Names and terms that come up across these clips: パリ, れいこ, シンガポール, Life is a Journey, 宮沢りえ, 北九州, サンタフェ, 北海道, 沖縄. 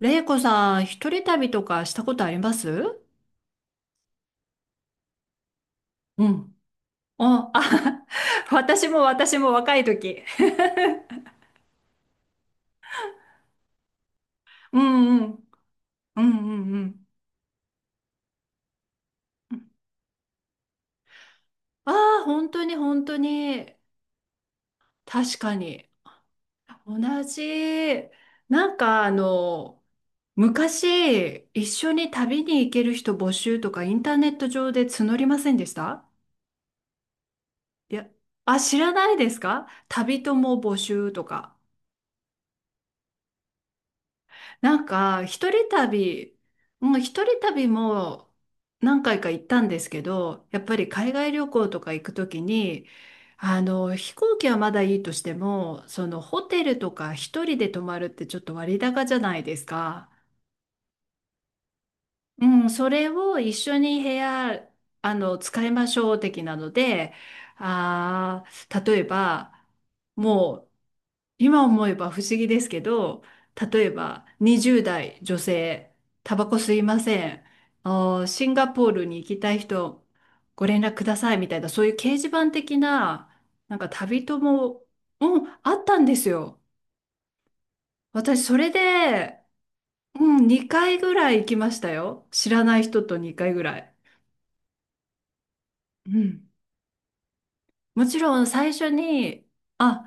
れいこさん、一人旅とかしたことあります？うん。あ、私も私も若い時。うんうん。うんうんうん。ああ、本当に本当に。確かに。同じ。なんかあの、昔、一緒に旅に行ける人募集とかインターネット上で募りませんでした？いや、あ、知らないですか、旅友募集とか。なんか、一人旅、もう一人旅も何回か行ったんですけど、やっぱり海外旅行とか行くときに、あの、飛行機はまだいいとしても、そのホテルとか一人で泊まるってちょっと割高じゃないですか。うん、それを一緒に部屋、あの、使いましょう的なので、あー、例えば、もう、今思えば不思議ですけど、例えば20代女性、タバコ吸いません。あー、シンガポールに行きたい人、ご連絡くださいみたいな、そういう掲示板的な、なんか旅友も、うん、あったんですよ。私、それで、うん、2回ぐらい行きましたよ。知らない人と2回ぐらい。うん。もちろん最初に、あ、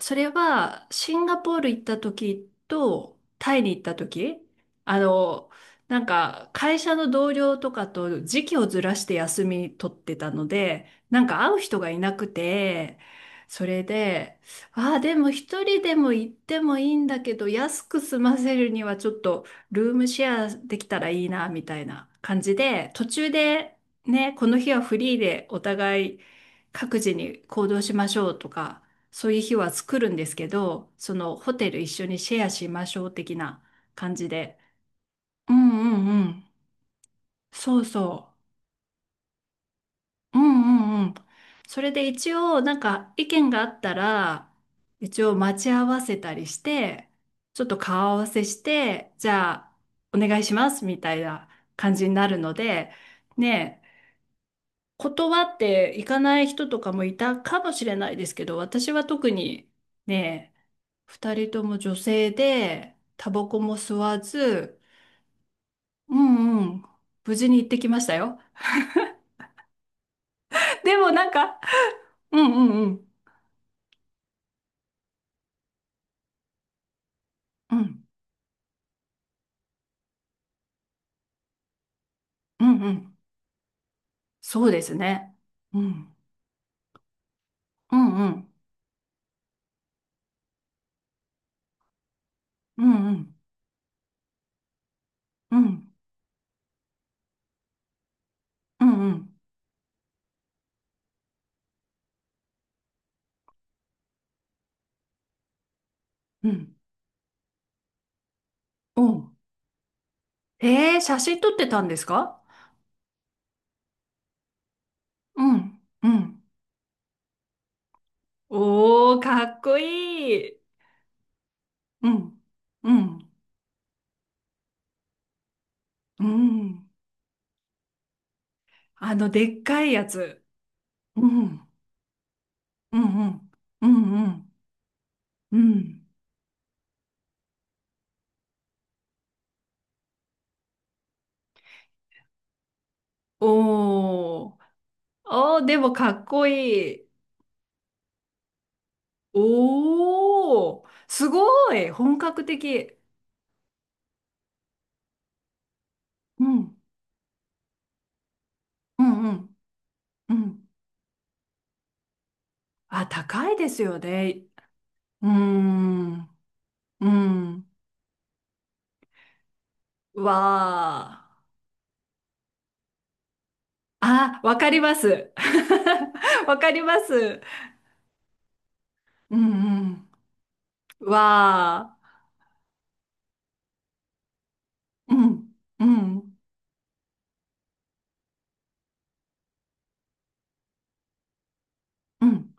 それはシンガポール行った時とタイに行った時、あの、なんか会社の同僚とかと時期をずらして休み取ってたので、なんか会う人がいなくて、それで、ああ、でも一人でも行ってもいいんだけど、安く済ませるにはちょっとルームシェアできたらいいな、みたいな感じで、途中でね、この日はフリーでお互い各自に行動しましょうとか、そういう日は作るんですけど、そのホテル一緒にシェアしましょう的な感じで。うんうんうん。そうそう。うんうんうん。それで一応なんか意見があったら、一応待ち合わせたりして、ちょっと顔合わせして、じゃあお願いしますみたいな感じになるので、ねえ、断っていかない人とかもいたかもしれないですけど、私は特にねえ、二人とも女性で、タバコも吸わず、うんうん、無事に行ってきましたよ。でもなんか、うんうんうん、うん、うんうん、そうですね。うん、うんうん、うんうん、うん、うんうん、うん、おうん。えー、写真撮ってたんですか？うん、うん。おー、かっこいい。うん、うん、うん。あの、でっかいやつ。うん、うんうん、うんうん、うん。おー。おー、でもかっこいい。おー。すごい。本格的。うん。うんうんうん。あ、高いですよね。うーん。うん。わー。あ、わかります。わかります。うんうん。わー。うんうんうん。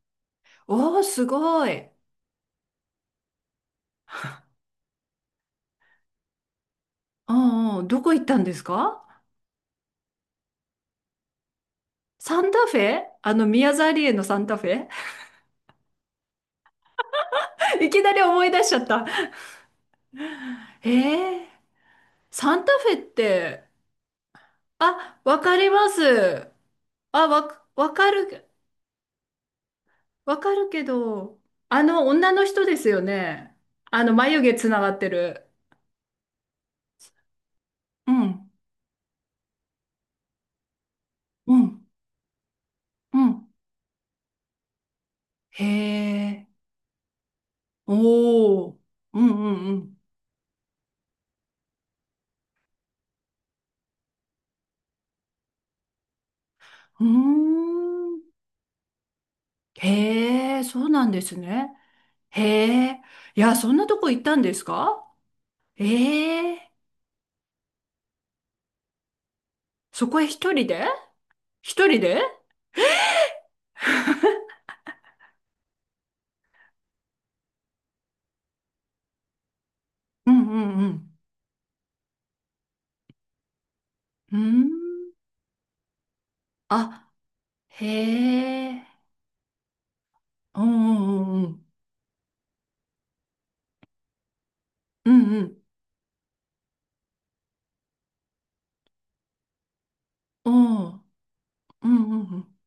おー、すごい。うんうん。どこ行ったんですか？サンタフェ、あの、宮沢りえのサンタフェ。 いきなり思い出しちゃった。えー、サンタフェって、あ、わかります。あ、わかる、わかるけど、あの女の人ですよね。あの眉毛つながってる。うん、うん、うん。へえ、おー、うん、うん、うん。うーん、へえ、そうなんですね。へえ、いや、そんなとこ行ったんですか？ええ、そこへ一人で？一人で？うんうんうん。うーん。あ、へえ。うんうんうんうん。うんうん。うんうんうん。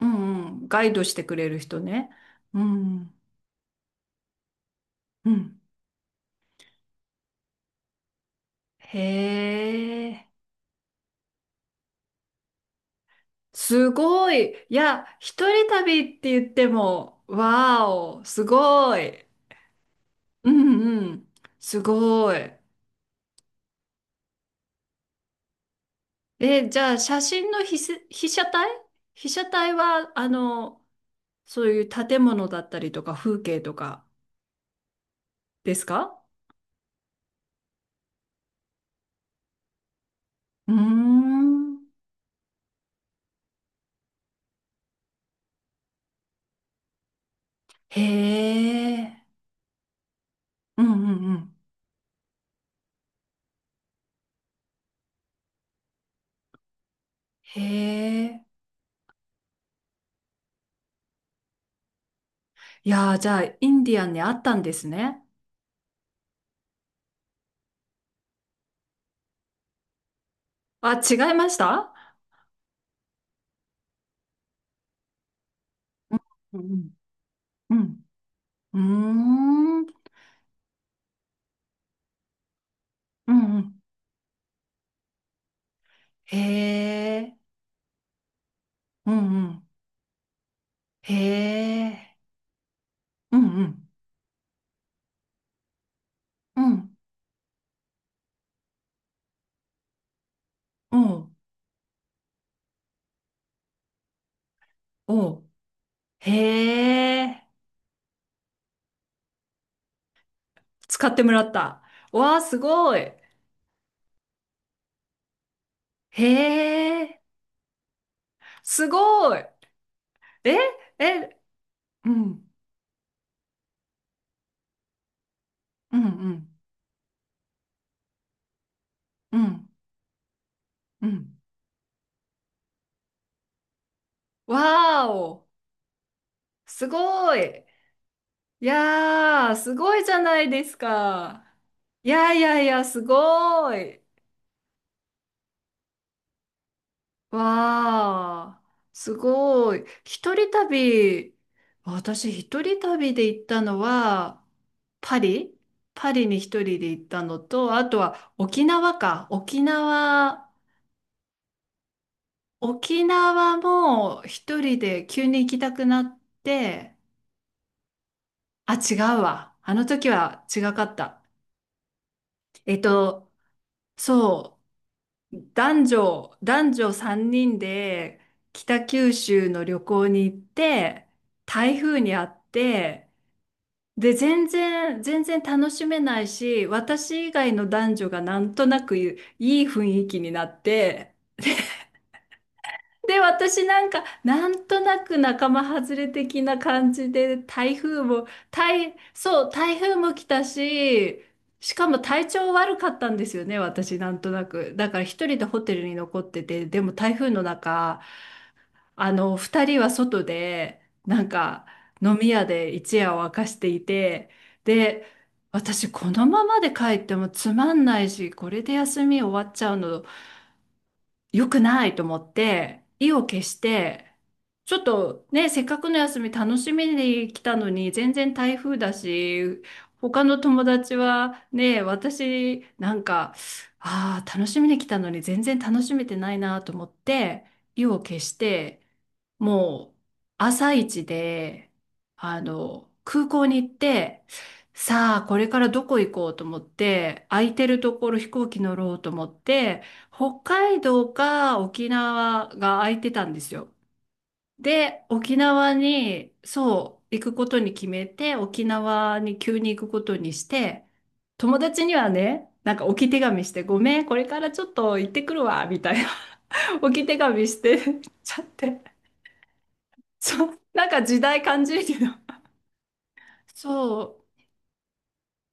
うんうんうん、ガイドしてくれる人ね。うん。うん。へえ。すごい。いや、一人旅って言っても、わーお、すごい。うんうん。すごい。え、じゃあ、写真の被写体は、あの、そういう建物だったりとか、風景とかですか？うーん。へえ。うんうんうん。へえ。いやー、じゃあ、インディアンにあったんですね。あ、違いました？うんうん。うん。うーん。うんうん。へえ。うんうん。へえ。うんうん。うん。おう。おう。へえ。使ってもらった。わあ、すごい。へえ。すごい。ええ、うん。うんうん。うん。うん。わーお、すごい。いやー、すごいじゃないですか。いやいやいや、すごい。わー、すごい。一人旅、私一人旅で行ったのは、パリ、パリに一人で行ったのと、あとは沖縄か。沖縄、沖縄も一人で急に行きたくなって、あ、違うわ。あの時は違かった。えっと、そう、男女3人で北九州の旅行に行って、台風にあって、で、全然、全然楽しめないし、私以外の男女がなんとなくいい雰囲気になって、で、私なんか、なんとなく仲間外れ的な感じで、台風も、台、そう、台風も来たし、しかも体調悪かったんですよね、私、なんとなく。だから一人でホテルに残ってて、でも台風の中、あの、二人は外で、なんか、飲み屋で一夜を明かしていて、で、私、このままで帰ってもつまんないし、これで休み終わっちゃうの良くないと思って、意を決して、ちょっとね、せっかくの休み楽しみに来たのに、全然台風だし、他の友達はね、私なんか、ああ、楽しみに来たのに全然楽しめてないなと思って、意を決して、もう朝一で、あの、空港に行って、さあ、これからどこ行こうと思って、空いてるところ飛行機乗ろうと思って、北海道か沖縄が空いてたんですよ。で、沖縄に、そう、行くことに決めて、沖縄に急に行くことにして、友達にはね、なんか置き手紙して、ごめん、これからちょっと行ってくるわ、みたいな、 置き手紙して ちゃって。そう、なんか時代感じるけど。そ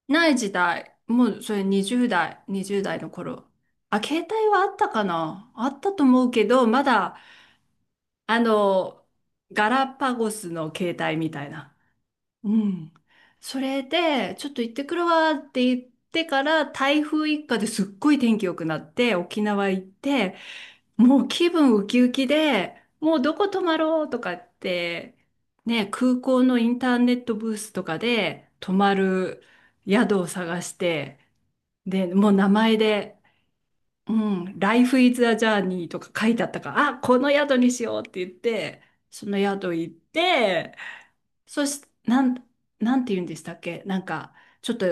う、ない時代。もうそれ20代、20代の頃。あ、携帯はあったかな、あったと思うけど、まだ、あの、ガラパゴスの携帯みたいな。うん。それで、ちょっと行ってくるわって言ってから、台風一過ですっごい天気良くなって、沖縄行って、もう気分ウキウキで、もうどこ泊まろうとかって、ね、空港のインターネットブースとかで泊まる宿を探して、で、もう名前で、うん、Life is a Journey とか書いてあったから、あ、この宿にしようって言って、その宿行って、そして、なんて言うんでしたっけ、なんか、ちょっと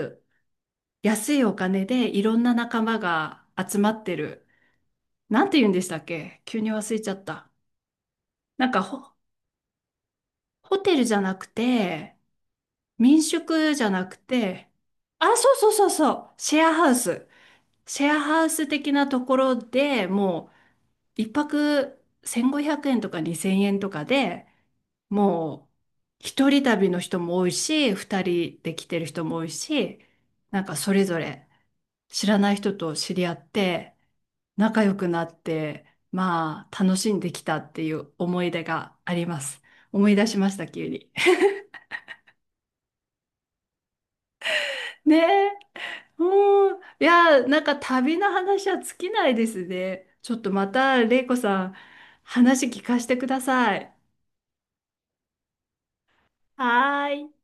安いお金でいろんな仲間が集まってる。なんて言うんでしたっけ、急に忘れちゃった。なんか、ホテルじゃなくて、民宿じゃなくて、あ、そうそうそうそう、シェアハウス。シェアハウス的なところでもう、一泊1500円とか2000円とかで、もう、一人旅の人も多いし、二人で来てる人も多いし、なんかそれぞれ知らない人と知り合って、仲良くなって、まあ、楽しんできたっていう思い出があります。思い出しました、急に。ねえ。おー、いやー、なんか旅の話は尽きないですね。ちょっとまた、れいこさん、話聞かせてください。はーい。